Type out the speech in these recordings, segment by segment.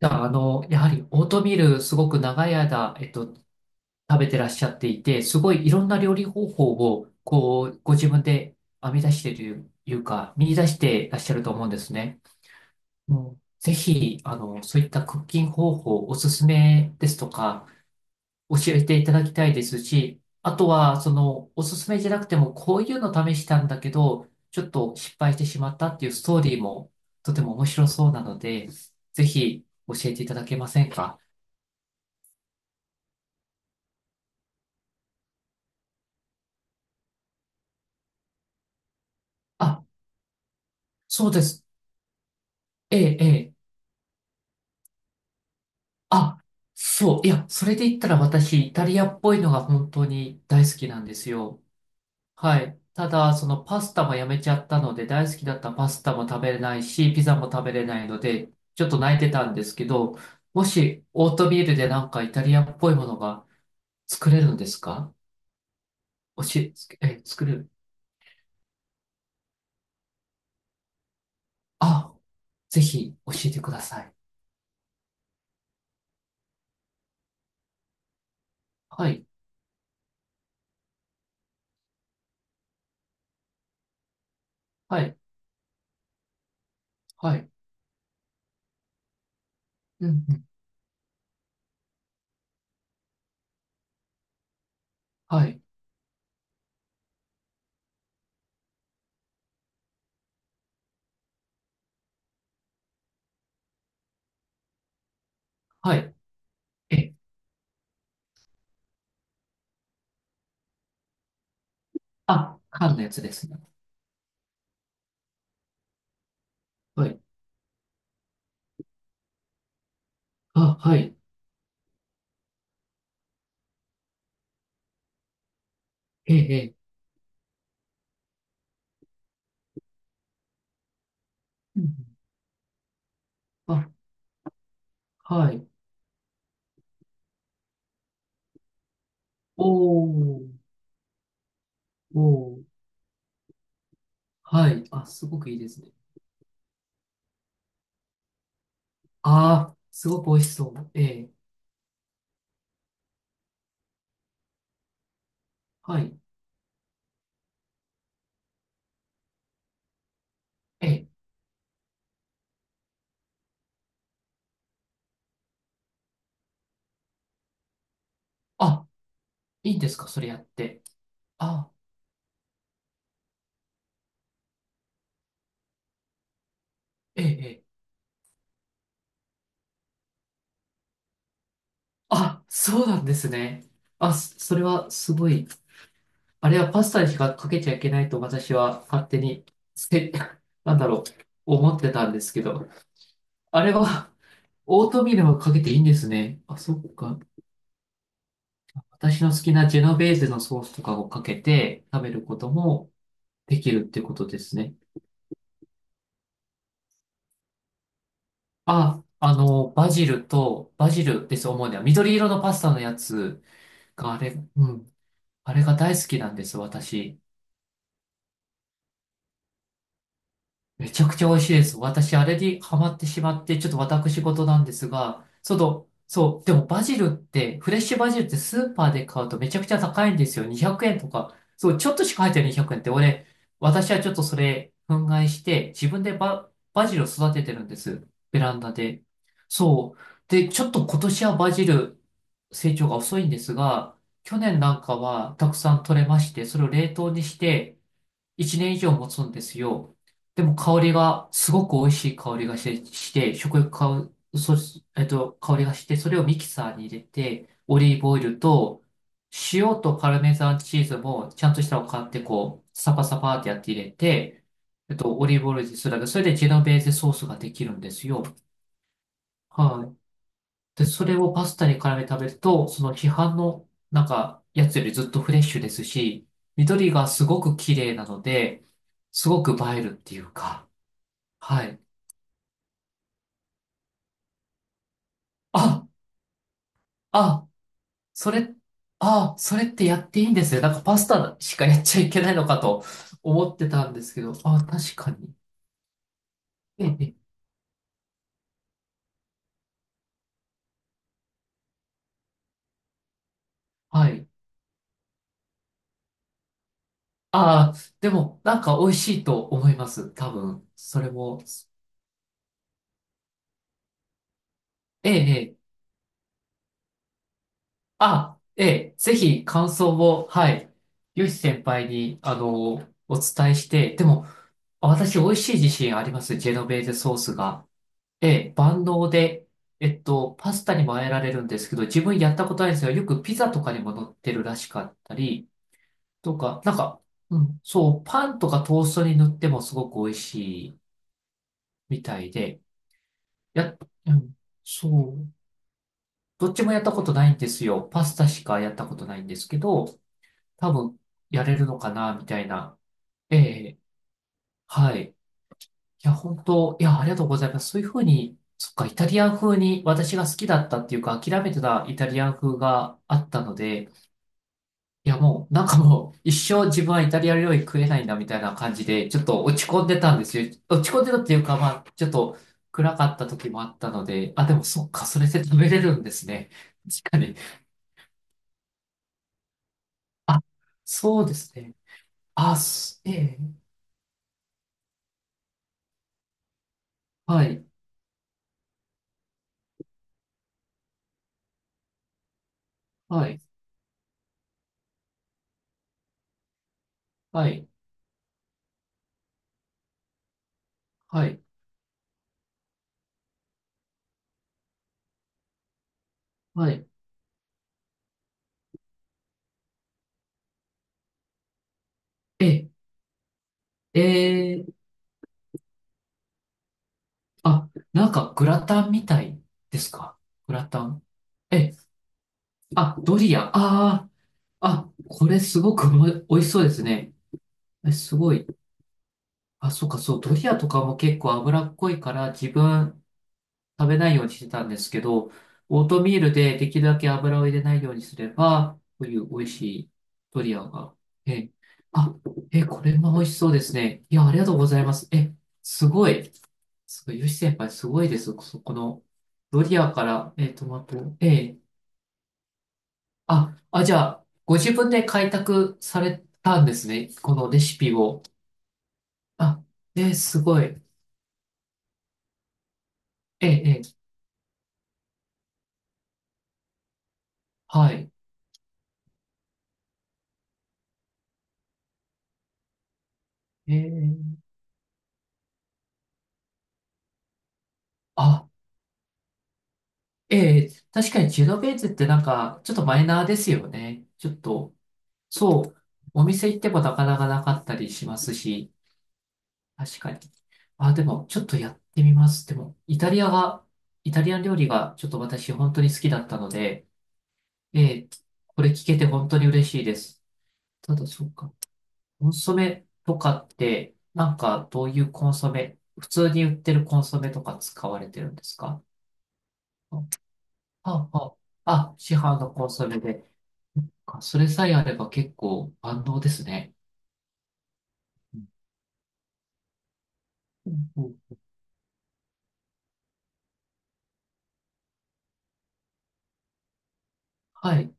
じゃあ、やはりオートミールすごく長い間、食べてらっしゃっていて、すごいいろんな料理方法を、ご自分で編み出しているというか、見出してらっしゃると思うんですね。もうぜひ、そういったクッキング方法、おすすめですとか、教えていただきたいですし、あとは、おすすめじゃなくても、こういうの試したんだけど、ちょっと失敗してしまったっていうストーリーも、とても面白そうなので、ぜひ、教えていただけませんか？あ、そうです。ええ、ええ。あ、そう。いや、それで言ったら私、イタリアっぽいのが本当に大好きなんですよ。はい。ただ、そのパスタもやめちゃったので、大好きだったパスタも食べれないし、ピザも食べれないので、ちょっと泣いてたんですけど、もし、オートミールでなんかイタリアっぽいものが作れるんですか？おし、え、作れる。あ、ぜひ教えてください。はい、はい、はい。うん、うん、はい、はい。え、あ、缶のやつですね。はい、あ、はい。ええ、ええ。うんうん、あ、はい。おー、おー、はい。あ、すごくいいですね。あー、すごく美味しそう。ええ、はい。ええ、あ、いいんですか、それやって。あ、ええ、ええ。あ、そうなんですね。あ、それはすごい。あれはパスタにしかかけちゃいけないと私は勝手に、せ、なんだろう、思ってたんですけど。あれは、オートミールはかけていいんですね。あ、そっか。私の好きなジェノベーゼのソースとかをかけて食べることもできるってことですね。あ、バジルと、バジルです、主には。緑色のパスタのやつがあれ、うん、あれが大好きなんです、私。めちゃくちゃ美味しいです。私、あれにハマってしまって、ちょっと私事なんですが、そう、でもバジルって、フレッシュバジルってスーパーで買うとめちゃくちゃ高いんですよ。200円とか。そう、ちょっとしか入ってない200円って、俺、私はちょっとそれ、憤慨して、自分でバジルを育ててるんです。ベランダで。そう。で、ちょっと今年はバジル成長が遅いんですが、去年なんかはたくさん取れまして、それを冷凍にして、1年以上持つんですよ。でも香りが、すごく美味しい香りがして、して食欲か、香りがして、それをミキサーに入れて、オリーブオイルと、塩とパルメザンチーズも、ちゃんとしたのを買って、こう、サパサパってやって入れて、オリーブオイルでするだけ、それでジェノベーゼソースができるんですよ。はい。で、それをパスタに絡めて食べると、その批判の、なんか、やつよりずっとフレッシュですし、緑がすごく綺麗なので、すごく映えるっていうか、はい。あ、あ、それ、あ、それってやっていいんですね。なんかパスタしかやっちゃいけないのかと思ってたんですけど、あ、確かに。ええ、はい。ああ、でも、なんか美味しいと思います。多分、それも。ええ、ええ、あ、ええ、ぜひ感想を、はい、ヨシ先輩に、お伝えして、でも、私、美味しい自信あります、ジェノベーゼソースが。ええ、万能で、パスタにもあえられるんですけど、自分やったことないんですが、よくピザとかにも乗ってるらしかったり、とか、なんか、うん、そう、パンとかトーストに塗ってもすごく美味しいみたいで、や、うん、そう、どっちもやったことないんですよ。パスタしかやったことないんですけど、多分やれるのかな、みたいな。ええ、はい。いや、本当、いや、ありがとうございます。そういうふうに、そっか、イタリアン風に私が好きだったっていうか、諦めてたイタリアン風があったので、いや、もう、なんかもう、一生自分はイタリア料理食えないんだ、みたいな感じで、ちょっと落ち込んでたんですよ。落ち込んでたっていうか、まあ、ちょっと暗かった時もあったので、あ、でもそっか、それで食べれるんですね。確かに。あ、そうですね。あ、すええ、はい、はい、はい。はいはい。え、えー、あ、なんかグラタンみたいですか？グラタン。え、あ、ドリア。ああ、あ、これすごく美味しそうですね。え、すごい。あ、そうか、そう、ドリアとかも結構脂っこいから自分食べないようにしてたんですけど、オートミールでできるだけ油を入れないようにすれば、こういう美味しいドリアが。え、あ、え、これも美味しそうですね。いや、ありがとうございます。え、すごい。すごい、ヨシ先輩すごいです。そこの、ドリアから、トマト、ええ、あ、あ、じゃあ、ご自分で開拓されたんですね。このレシピを。あ、すごい。ええ、ええ、はい。ええ、あ、ええ、確かにジェノベーゼってなんか、ちょっとマイナーですよね。ちょっと、そう、お店行ってもなかなかなかったりしますし。確かに。あ、でも、ちょっとやってみます。でも、イタリアが、イタリアン料理がちょっと私本当に好きだったので、ええ、これ聞けて本当に嬉しいです。ただ、そうか。コンソメとかって、なんか、どういうコンソメ、普通に売ってるコンソメとか使われてるんですか？あ、あ、あ、市販のコンソメで。それさえあれば結構万能ですね。うんうん、はい、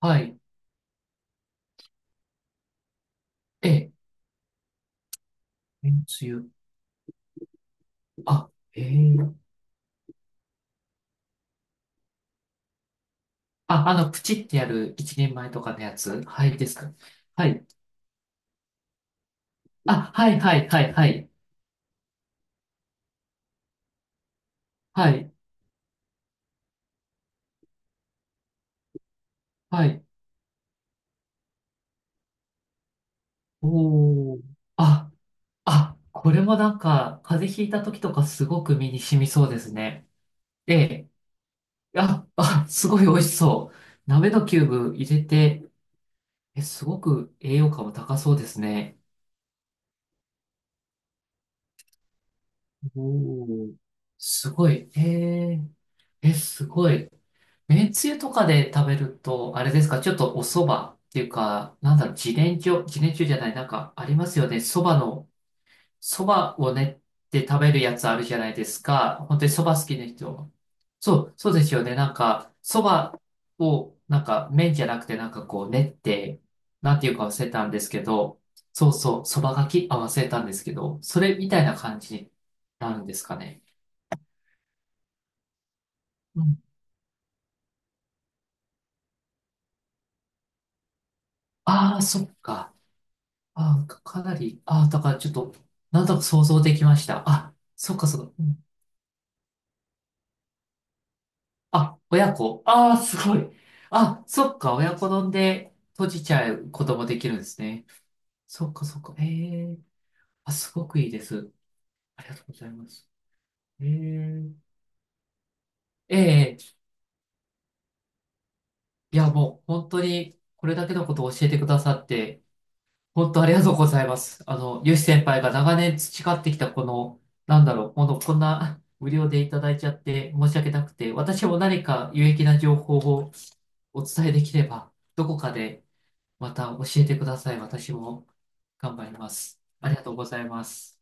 はい。ええ、めんつゆ。あ、ええ、あ、プチってやる1人前とかのやつはい、ですか？はい。あ、はい、はい、はい、はい。はい、はい。おー。あ、あ、これもなんか、風邪ひいた時とかすごく身に染みそうですね。ええ。あ、あ、すごい美味しそう。鍋のキューブ入れて、え、すごく栄養価も高そうですね。おー。すごい。ええ。え、すごい。めんつゆとかで食べると、あれですか、ちょっとお蕎麦っていうか、なんだろう、自然薯、自然薯じゃない、なんかありますよね。蕎麦の、蕎麦を練って食べるやつあるじゃないですか。本当に蕎麦好きな人。そう、そうですよね。なんか、蕎麦を、なんか麺じゃなくて、なんかこう練って、なんていうか忘れたんですけど、そうそう、蕎麦がき、あ、忘れたんですけど、それみたいな感じになるんですかね。うん。ああ、そっか。あ、かなり、あ、だからちょっと、なんとなく想像できました。あ、そっかそっか。うん、あ、親子。あー、すごい。あ、そっか、親子丼で閉じちゃうこともできるんですね。そっかそっか。ええ、あ、すごくいいです。ありがとうございます。ええ、ええ、いや、もう本当にこれだけのことを教えてくださって、本当ありがとうございます。ヨシ先輩が長年培ってきたこの、なんだろう、この、こんな無料でいただいちゃって申し訳なくて、私も何か有益な情報をお伝えできれば、どこかでまた教えてください。私も頑張ります。ありがとうございます。